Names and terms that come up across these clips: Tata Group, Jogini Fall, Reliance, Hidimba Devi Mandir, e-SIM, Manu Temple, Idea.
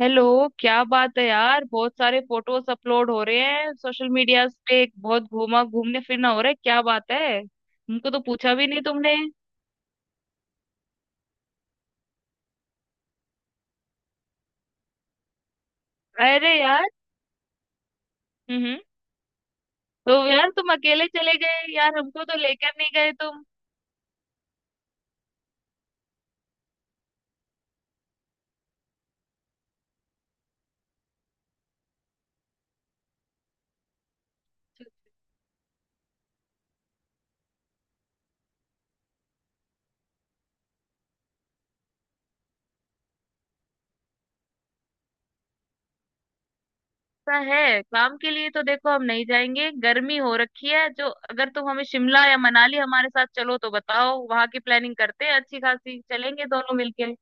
Hello. क्या बात है यार, बहुत सारे फोटोज अपलोड हो रहे हैं सोशल मीडिया पे। बहुत घूमा घूमने फिरना हो रहा है, क्या बात है? हमको तो पूछा भी नहीं तुमने। अरे यार। हम्म। तो यार तुम अकेले चले गए यार, हमको तो लेकर नहीं गए तुम। ऐसा है, काम के लिए तो देखो हम नहीं जाएंगे, गर्मी हो रखी है जो। अगर तुम हमें शिमला या मनाली हमारे साथ चलो तो बताओ, वहां की प्लानिंग करते हैं अच्छी खासी, चलेंगे दोनों मिलके।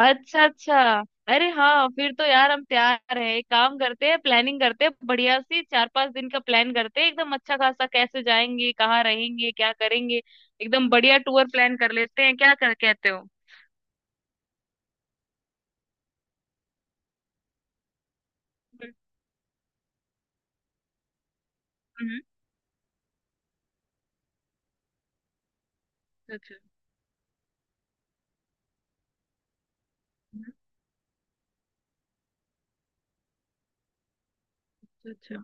अच्छा अच्छा। अरे हाँ, फिर तो यार हम तैयार है। एक काम करते हैं, प्लानिंग करते हैं बढ़िया सी, 4-5 दिन का प्लान करते हैं एकदम अच्छा खासा, कैसे जाएंगे, कहाँ रहेंगे, क्या करेंगे। एकदम बढ़िया टूर प्लान कर लेते हैं, क्या कहते हो? हम्म। हम्म। अच्छा। हम्म। अच्छा।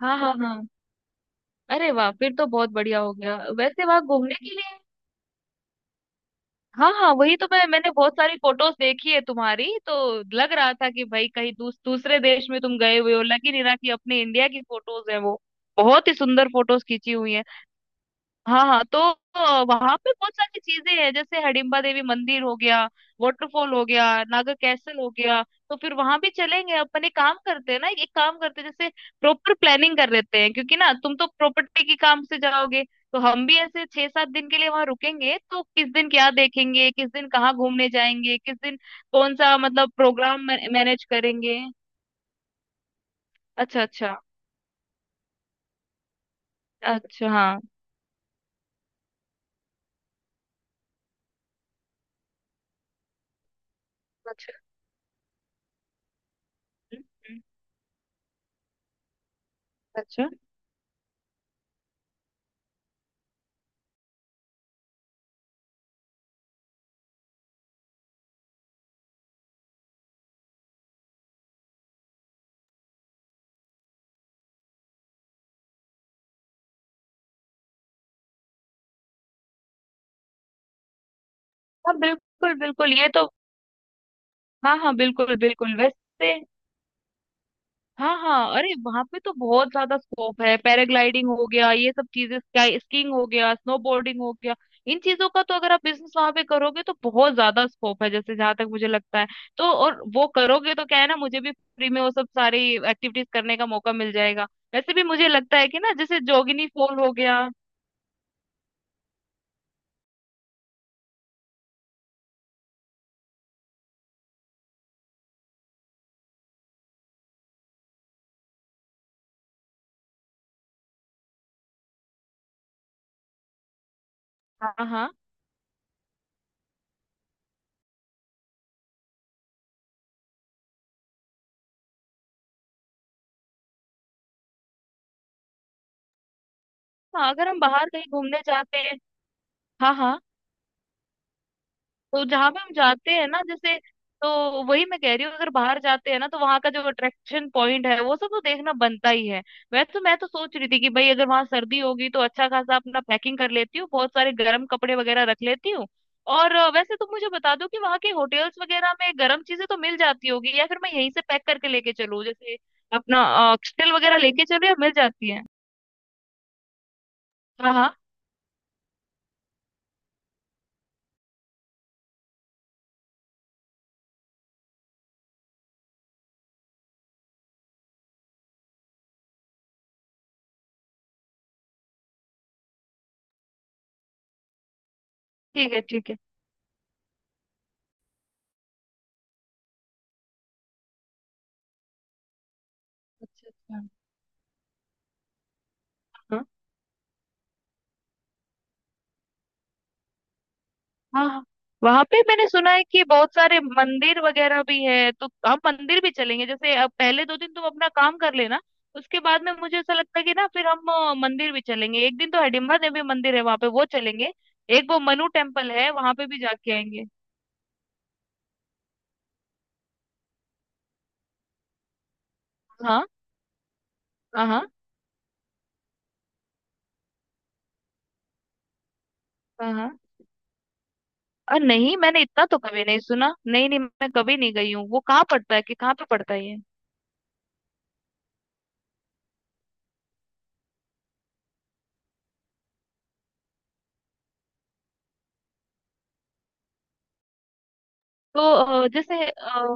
हाँ हाँ हाँ। अरे वाह, फिर तो बहुत बढ़िया हो गया, वैसे वहां घूमने के लिए। हाँ हाँ, वही तो मैंने बहुत सारी फोटोज देखी है तुम्हारी तो। लग रहा था कि भाई कहीं दूसरे देश में तुम गए हुए हो, लग ही नहीं रहा कि अपने इंडिया की फोटोज हैं वो। बहुत ही सुंदर फोटोज खींची हुई हैं। हाँ हाँ तो, वहां पे बहुत सारी चीजें हैं जैसे हडिम्बा देवी मंदिर हो गया, वाटरफॉल हो गया, नागा कैसल हो गया। तो फिर वहां भी चलेंगे अपन, एक काम करते हैं ना, एक काम करते हैं जैसे प्रॉपर प्लानिंग कर लेते हैं, क्योंकि ना तुम तो प्रॉपर्टी के काम से जाओगे, तो हम भी ऐसे 6-7 दिन के लिए वहां रुकेंगे, तो किस दिन क्या देखेंगे, किस दिन कहाँ घूमने जाएंगे, किस दिन कौन सा मतलब प्रोग्राम मैनेज करेंगे। अच्छा अच्छा। अच्छा हाँ। अच्छा। हम्म। हम्म। अच्छा। हाँ बिल्कुल बिल्कुल, ये तो। हाँ हाँ बिल्कुल बिल्कुल, वैसे। हाँ हाँ, अरे वहां पे तो बहुत ज्यादा स्कोप है, पैराग्लाइडिंग हो गया, ये सब चीजें, स्काई स्कीइंग हो गया, स्नोबोर्डिंग हो गया। इन चीजों का तो अगर आप बिजनेस वहां पे करोगे तो बहुत ज्यादा स्कोप है, जैसे जहां तक मुझे लगता है। तो और वो करोगे तो क्या है ना, मुझे भी फ्री में वो सब सारी एक्टिविटीज करने का मौका मिल जाएगा। वैसे भी मुझे लगता है कि ना, जैसे जोगिनी फॉल हो गया। हाँ हाँ हाँ। अगर हम बाहर कहीं घूमने जाते हैं, हाँ हाँ, तो जहां पे हम जाते हैं ना जैसे, तो वही मैं कह रही हूँ, अगर बाहर जाते हैं ना तो वहां का जो अट्रैक्शन पॉइंट है वो सब तो देखना बनता ही है। वैसे तो मैं तो सोच रही थी कि भाई अगर वहां सर्दी होगी तो अच्छा खासा अपना पैकिंग कर लेती हूँ, बहुत सारे गर्म कपड़े वगैरह रख लेती हूँ। और वैसे तुम मुझे बता दो कि वहाँ के होटल्स वगैरह में गर्म चीजें तो मिल जाती होगी, या फिर मैं यहीं से पैक करके लेके चलूँ जैसे अपना कस्टेल वगैरह लेके चलूँ, या मिल जाती है? हाँ हाँ। ठीक है ठीक है। अच्छा अच्छा। हाँ। हाँ, वहां पे मैंने सुना है कि बहुत सारे मंदिर वगैरह भी है, तो हम मंदिर भी चलेंगे। जैसे अब पहले 2 दिन तुम अपना काम कर लेना, उसके बाद में मुझे ऐसा लगता है कि ना फिर हम मंदिर भी चलेंगे। एक दिन तो हिडिंबा देवी मंदिर है वहां पे, वो चलेंगे। एक वो मनु टेम्पल है वहां पे भी जाके आएंगे। हाँ हाँ। हाँ हाँ हाँ। और नहीं, मैंने इतना तो कभी नहीं सुना, नहीं नहीं मैं कभी नहीं गई हूँ। वो कहाँ पड़ता है, कि कहाँ पे पड़ता है ये? तो जैसे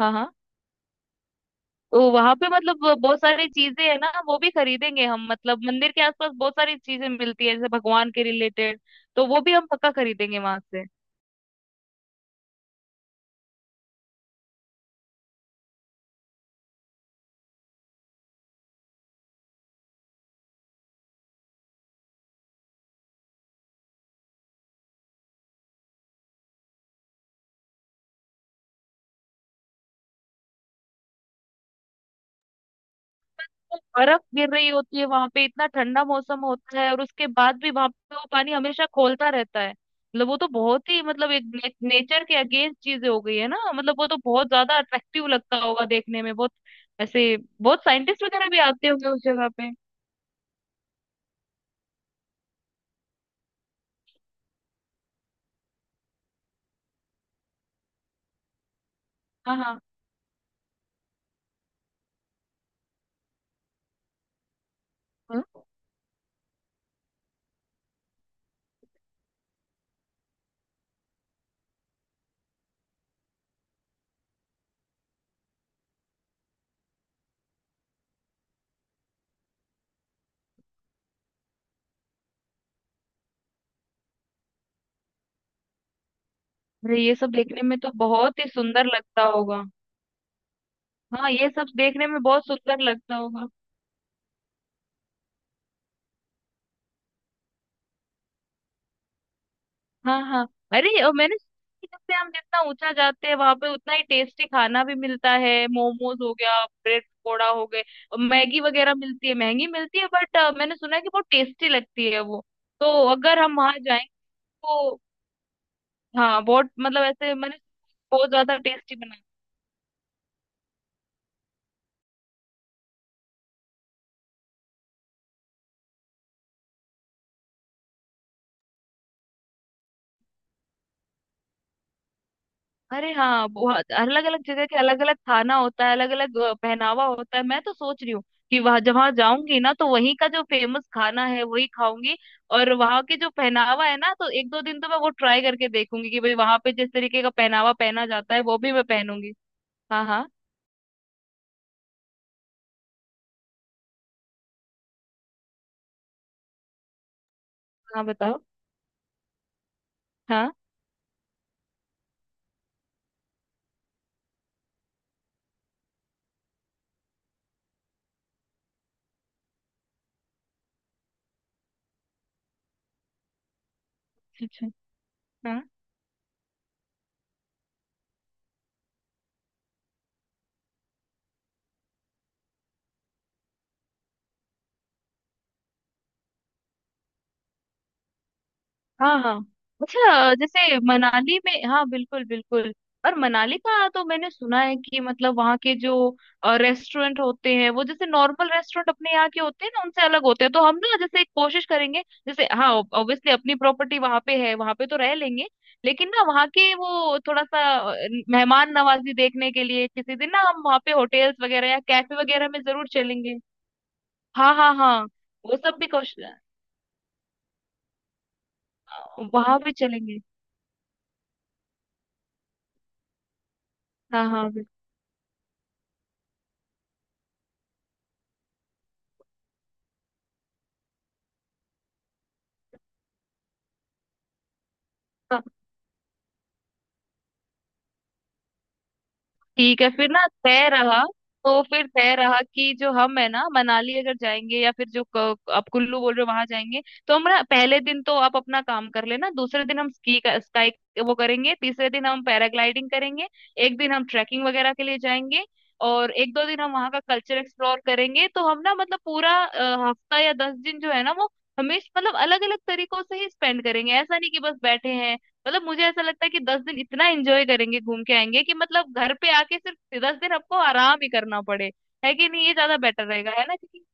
हाँ हाँ, तो वहां पे मतलब बहुत सारी चीजें है ना, वो भी खरीदेंगे हम, मतलब मंदिर के आसपास बहुत सारी चीजें मिलती है जैसे भगवान के रिलेटेड, तो वो भी हम पक्का खरीदेंगे वहां से। बर्फ गिर रही होती है वहां पे, इतना ठंडा मौसम होता है और उसके बाद भी वहां पे वो पानी हमेशा खोलता रहता है, मतलब वो तो बहुत ही मतलब एक नेचर के अगेंस्ट चीजें हो गई है ना, मतलब वो तो बहुत ज्यादा अट्रैक्टिव लगता होगा देखने में, बहुत ऐसे, बहुत साइंटिस्ट वगैरह भी आते होंगे उस जगह पे। हाँ हाँ। हम्म। अरे ये सब देखने में तो बहुत ही सुंदर लगता होगा। हाँ ये सब देखने में बहुत सुंदर लगता होगा। हाँ हाँ, अरे और मैंने सुना है कि जैसे हम जितना ऊंचा जाते हैं वहां पे, उतना ही टेस्टी खाना भी मिलता है, मोमोज हो गया, ब्रेड पकौड़ा हो गए, और मैगी वगैरह मिलती है महंगी मिलती है, बट मैंने सुना है कि बहुत टेस्टी लगती है वो, तो अगर हम वहां जाएं तो हाँ बहुत मतलब ऐसे मैंने, बहुत ज्यादा टेस्टी। अरे हाँ, बहुत अलग अलग जगह के अलग अलग खाना होता है, अलग अलग पहनावा होता है। मैं तो सोच रही हूँ कि वहां जहाँ जाऊंगी ना, तो वहीं का जो फेमस खाना है वही खाऊंगी, और वहां के जो पहनावा है ना, तो एक दो दिन तो मैं वो ट्राई करके देखूंगी कि भाई वहां पे जिस तरीके का पहनावा पहना जाता है वो भी मैं पहनूंगी। हाँ हाँ। हाँ बताओ। हाँ। अच्छा अच्छा। हाँ हाँ। अच्छा जैसे मनाली में, हाँ बिल्कुल बिल्कुल, और मनाली का तो मैंने सुना है कि मतलब वहाँ के जो रेस्टोरेंट होते हैं वो जैसे नॉर्मल रेस्टोरेंट अपने यहाँ के होते हैं ना उनसे अलग होते हैं, तो हम ना जैसे कोशिश करेंगे, जैसे हाँ ऑब्वियसली अपनी प्रॉपर्टी वहाँ पे है वहाँ पे तो रह लेंगे, लेकिन ना वहाँ के वो थोड़ा सा मेहमान नवाजी देखने के लिए किसी दिन ना हम वहाँ पे होटेल्स वगैरह या कैफे वगैरह में जरूर चलेंगे। हाँ हाँ हाँ। वो सब भी कोशिश, वहां भी चलेंगे। हाँ हाँ बिल्कुल। ठीक है फिर ना, तय रहा। तो फिर तय रहा कि जो हम है ना, मनाली अगर जाएंगे या फिर जो आप कुल्लू बोल रहे हो वहां जाएंगे, तो हम ना पहले दिन तो आप अपना काम कर लेना, दूसरे दिन हम स्की का स्काई वो करेंगे, तीसरे दिन हम पैराग्लाइडिंग करेंगे, एक दिन हम ट्रैकिंग वगैरह के लिए जाएंगे, और एक दो दिन हम वहाँ का कल्चर एक्सप्लोर करेंगे। तो हम ना मतलब पूरा हफ्ता या 10 दिन जो है ना वो, हमें मतलब अलग अलग तरीकों से ही स्पेंड करेंगे, ऐसा नहीं कि बस बैठे हैं। मतलब मुझे ऐसा लगता है कि 10 दिन इतना एंजॉय करेंगे घूम के आएंगे कि मतलब घर पे आके सिर्फ 10 दिन आपको आराम ही करना पड़े, है कि नहीं, ये ज्यादा बेटर रहेगा है ना? क्योंकि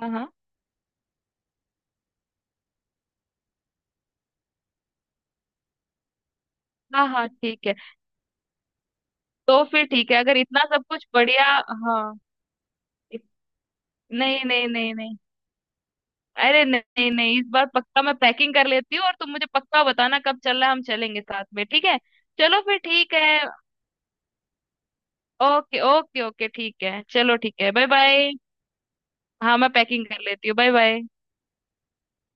हाँ हाँ। हाँ हाँ ठीक है। तो फिर ठीक है अगर इतना सब कुछ बढ़िया। हाँ। इत- नहीं नहीं नहीं नहीं, अरे नहीं नहीं, इस बार पक्का मैं पैकिंग कर लेती हूँ, और तुम मुझे पक्का बताना कब चलना है, हम चलेंगे साथ में, ठीक है? चलो फिर ठीक है। ओके ओके ओके ठीक है, चलो ठीक है, बाय बाय। हाँ मैं पैकिंग कर लेती हूँ, बाय बाय।